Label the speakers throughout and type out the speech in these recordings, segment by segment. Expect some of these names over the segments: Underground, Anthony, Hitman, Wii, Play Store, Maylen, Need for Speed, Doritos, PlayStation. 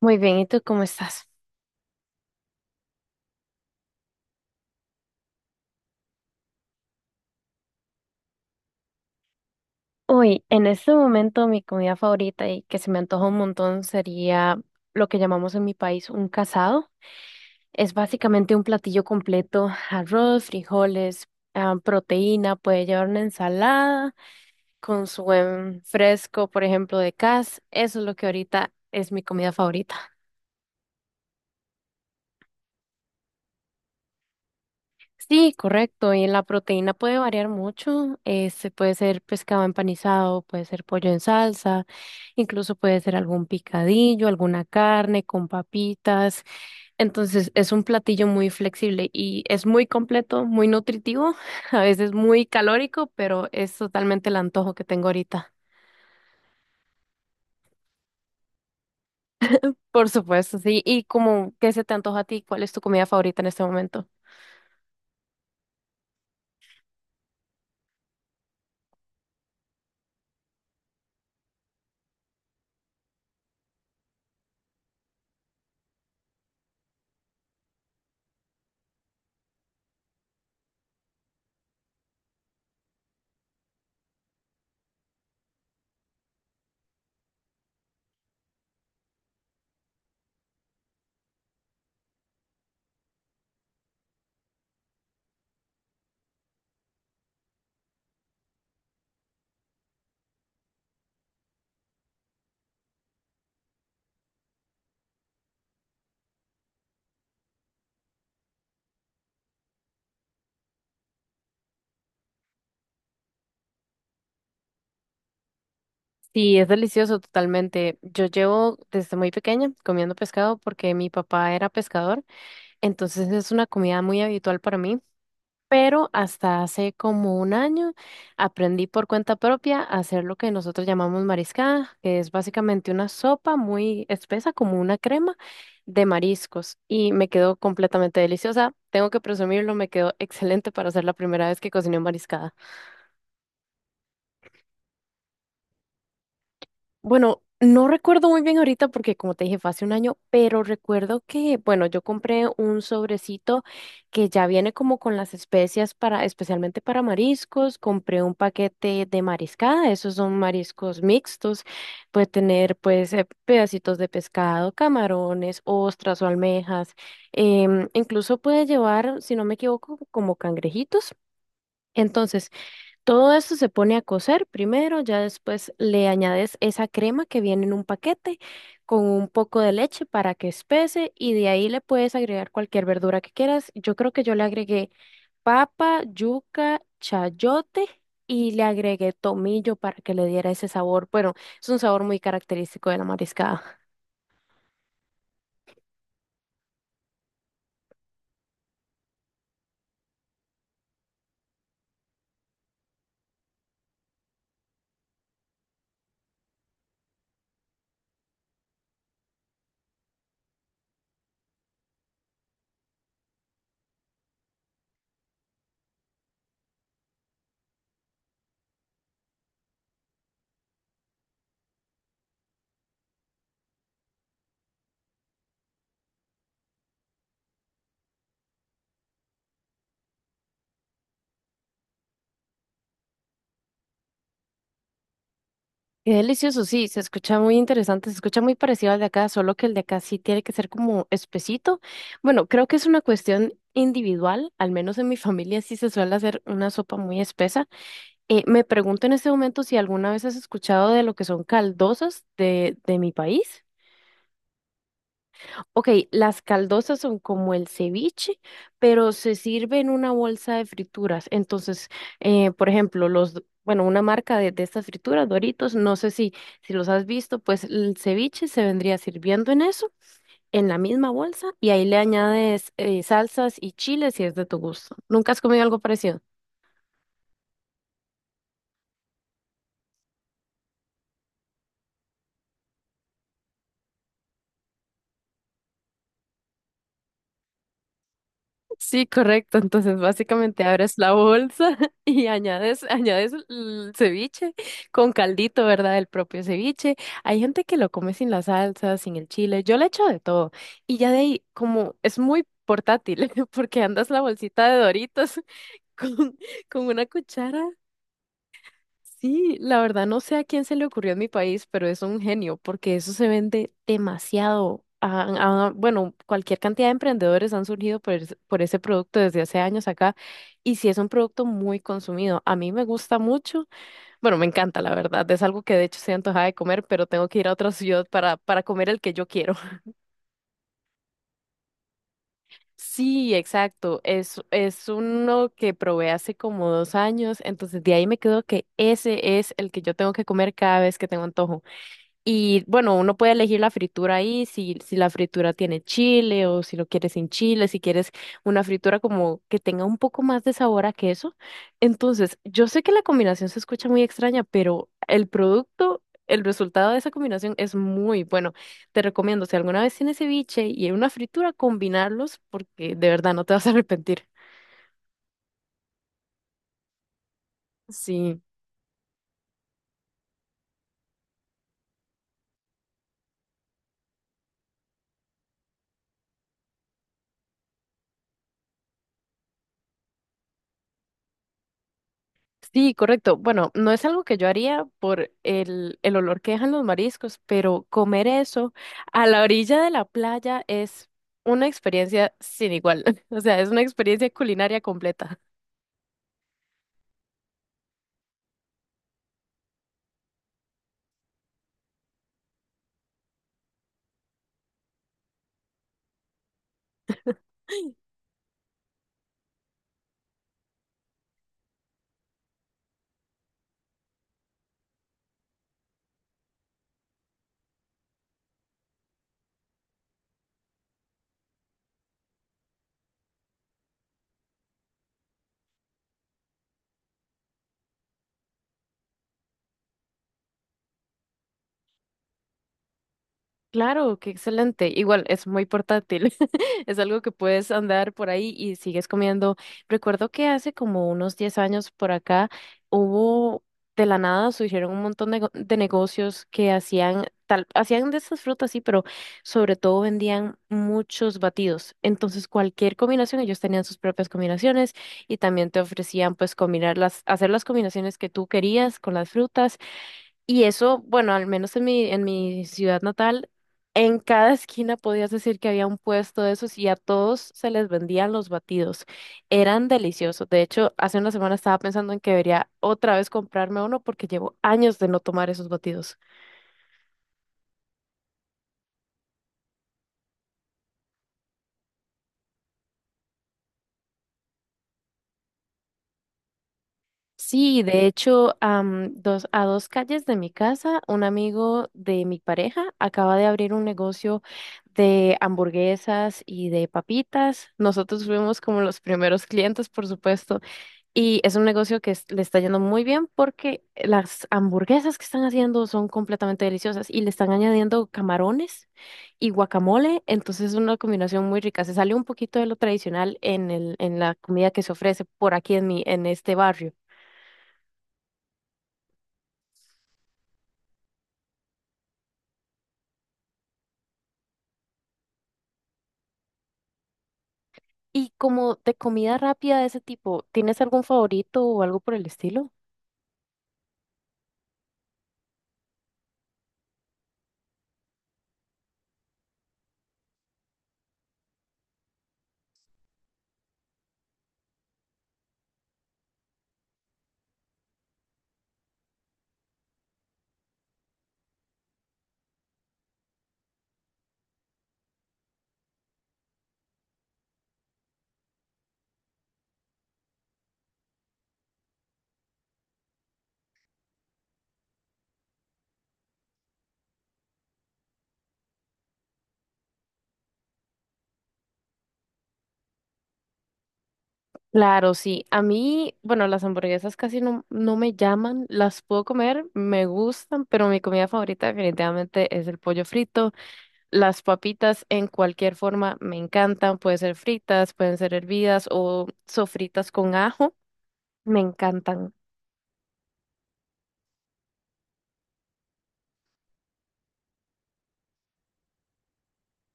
Speaker 1: Muy bien, ¿y tú cómo estás? Hoy, en este momento, mi comida favorita y que se me antoja un montón sería lo que llamamos en mi país un casado. Es básicamente un platillo completo, arroz, frijoles, proteína, puede llevar una ensalada con su buen fresco, por ejemplo, de cas. Eso es lo que ahorita es mi comida favorita. Sí, correcto. Y la proteína puede variar mucho. Este puede ser pescado empanizado, puede ser pollo en salsa, incluso puede ser algún picadillo, alguna carne con papitas. Entonces es un platillo muy flexible y es muy completo, muy nutritivo, a veces muy calórico, pero es totalmente el antojo que tengo ahorita. Por supuesto, sí. ¿Y como qué se te antoja a ti? ¿Cuál es tu comida favorita en este momento? Sí, es delicioso totalmente. Yo llevo desde muy pequeña comiendo pescado porque mi papá era pescador, entonces es una comida muy habitual para mí, pero hasta hace como un año aprendí por cuenta propia a hacer lo que nosotros llamamos mariscada, que es básicamente una sopa muy espesa, como una crema de mariscos, y me quedó completamente deliciosa. Tengo que presumirlo, me quedó excelente para ser la primera vez que cociné mariscada. Bueno, no recuerdo muy bien ahorita porque como te dije fue hace un año, pero recuerdo que, bueno, yo compré un sobrecito que ya viene como con las especias para, especialmente para mariscos, compré un paquete de mariscada, esos son mariscos mixtos, puede tener pues pedacitos de pescado, camarones, ostras o almejas, incluso puede llevar, si no me equivoco, como cangrejitos. Entonces, todo eso se pone a cocer primero, ya después le añades esa crema que viene en un paquete con un poco de leche para que espese y de ahí le puedes agregar cualquier verdura que quieras. Yo creo que yo le agregué papa, yuca, chayote y le agregué tomillo para que le diera ese sabor. Bueno, es un sabor muy característico de la mariscada. Qué delicioso, sí, se escucha muy interesante, se escucha muy parecido al de acá, solo que el de acá sí tiene que ser como espesito. Bueno, creo que es una cuestión individual, al menos en mi familia sí se suele hacer una sopa muy espesa. Me pregunto en este momento si alguna vez has escuchado de lo que son caldosas de mi país. Ok, las caldosas son como el ceviche, pero se sirve en una bolsa de frituras. Entonces, por ejemplo, bueno, una marca de estas frituras, Doritos, no sé si, si los has visto, pues el ceviche se vendría sirviendo en eso, en la misma bolsa, y ahí le añades salsas y chiles si es de tu gusto. ¿Nunca has comido algo parecido? Sí, correcto. Entonces, básicamente abres la bolsa y añades el ceviche con caldito, ¿verdad? El propio ceviche. Hay gente que lo come sin la salsa, sin el chile. Yo le echo de todo. Y ya de ahí, como es muy portátil, porque andas la bolsita de Doritos con, con, una cuchara. Sí, la verdad no sé a quién se le ocurrió en mi país, pero es un genio, porque eso se vende demasiado. Ah, bueno, cualquier cantidad de emprendedores han surgido por ese producto desde hace años acá, y sí es un producto muy consumido. A mí me gusta mucho, bueno, me encanta, la verdad. Es algo que de hecho se antojaba de comer, pero tengo que ir a otra ciudad para, comer el que yo quiero. Sí, exacto. es uno que probé hace como 2 años, entonces de ahí me quedo que ese es el que yo tengo que comer cada vez que tengo antojo. Y bueno, uno puede elegir la fritura ahí, si la fritura tiene chile o si lo quieres sin chile, si quieres una fritura como que tenga un poco más de sabor a queso. Entonces, yo sé que la combinación se escucha muy extraña, pero el producto, el resultado de esa combinación es muy bueno. Te recomiendo, si alguna vez tienes ceviche y una fritura, combinarlos porque de verdad no te vas a arrepentir. Sí. Sí, correcto. Bueno, no es algo que yo haría por el olor que dejan los mariscos, pero comer eso a la orilla de la playa es una experiencia sin igual. O sea, es una experiencia culinaria completa. Claro, qué excelente. Igual es muy portátil. Es algo que puedes andar por ahí y sigues comiendo. Recuerdo que hace como unos 10 años por acá hubo de la nada surgieron un montón de, de negocios que hacían tal, hacían de estas frutas, sí, pero sobre todo vendían muchos batidos. Entonces, cualquier combinación, ellos tenían sus propias combinaciones y también te ofrecían pues combinar las, hacer las combinaciones que tú querías con las frutas y eso, bueno, al menos en mi ciudad natal, en cada esquina podías decir que había un puesto de esos y a todos se les vendían los batidos. Eran deliciosos. De hecho, hace una semana estaba pensando en que debería otra vez comprarme uno porque llevo años de no tomar esos batidos. Sí, de hecho, a dos calles de mi casa, un amigo de mi pareja acaba de abrir un negocio de hamburguesas y de papitas. Nosotros fuimos como los primeros clientes, por supuesto. Y es un negocio que le está yendo muy bien porque las hamburguesas que están haciendo son completamente deliciosas y le están añadiendo camarones y guacamole, entonces es una combinación muy rica. Se sale un poquito de lo tradicional en el, en la comida que se ofrece por aquí en mi, en este barrio. Y como de comida rápida de ese tipo, ¿tienes algún favorito o algo por el estilo? Claro, sí. A mí, bueno, las hamburguesas casi no me llaman. Las puedo comer, me gustan, pero mi comida favorita definitivamente es el pollo frito. Las papitas en cualquier forma me encantan, pueden ser fritas, pueden ser hervidas o sofritas con ajo, me encantan.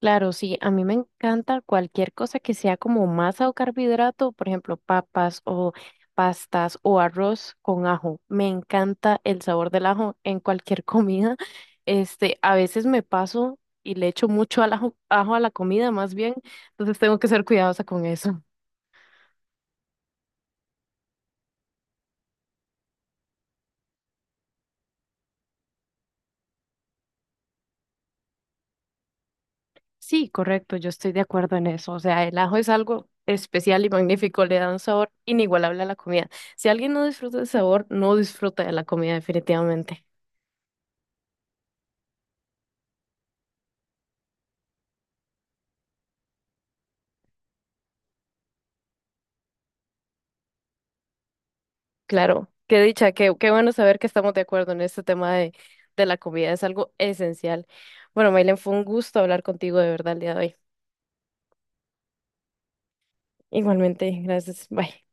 Speaker 1: Claro, sí, a mí me encanta cualquier cosa que sea como masa o carbohidrato, por ejemplo, papas o pastas o arroz con ajo. Me encanta el sabor del ajo en cualquier comida. A veces me paso y le echo mucho al ajo, ajo a la comida, más bien, entonces tengo que ser cuidadosa con eso. Sí, correcto, yo estoy de acuerdo en eso. O sea, el ajo es algo especial y magnífico, le da un sabor inigualable a la comida. Si alguien no disfruta del sabor, no disfruta de la comida definitivamente. Claro, qué dicha, qué bueno saber que estamos de acuerdo en este tema de la comida, es algo esencial. Bueno, Maylen, fue un gusto hablar contigo de verdad el día de hoy. Igualmente, gracias. Bye.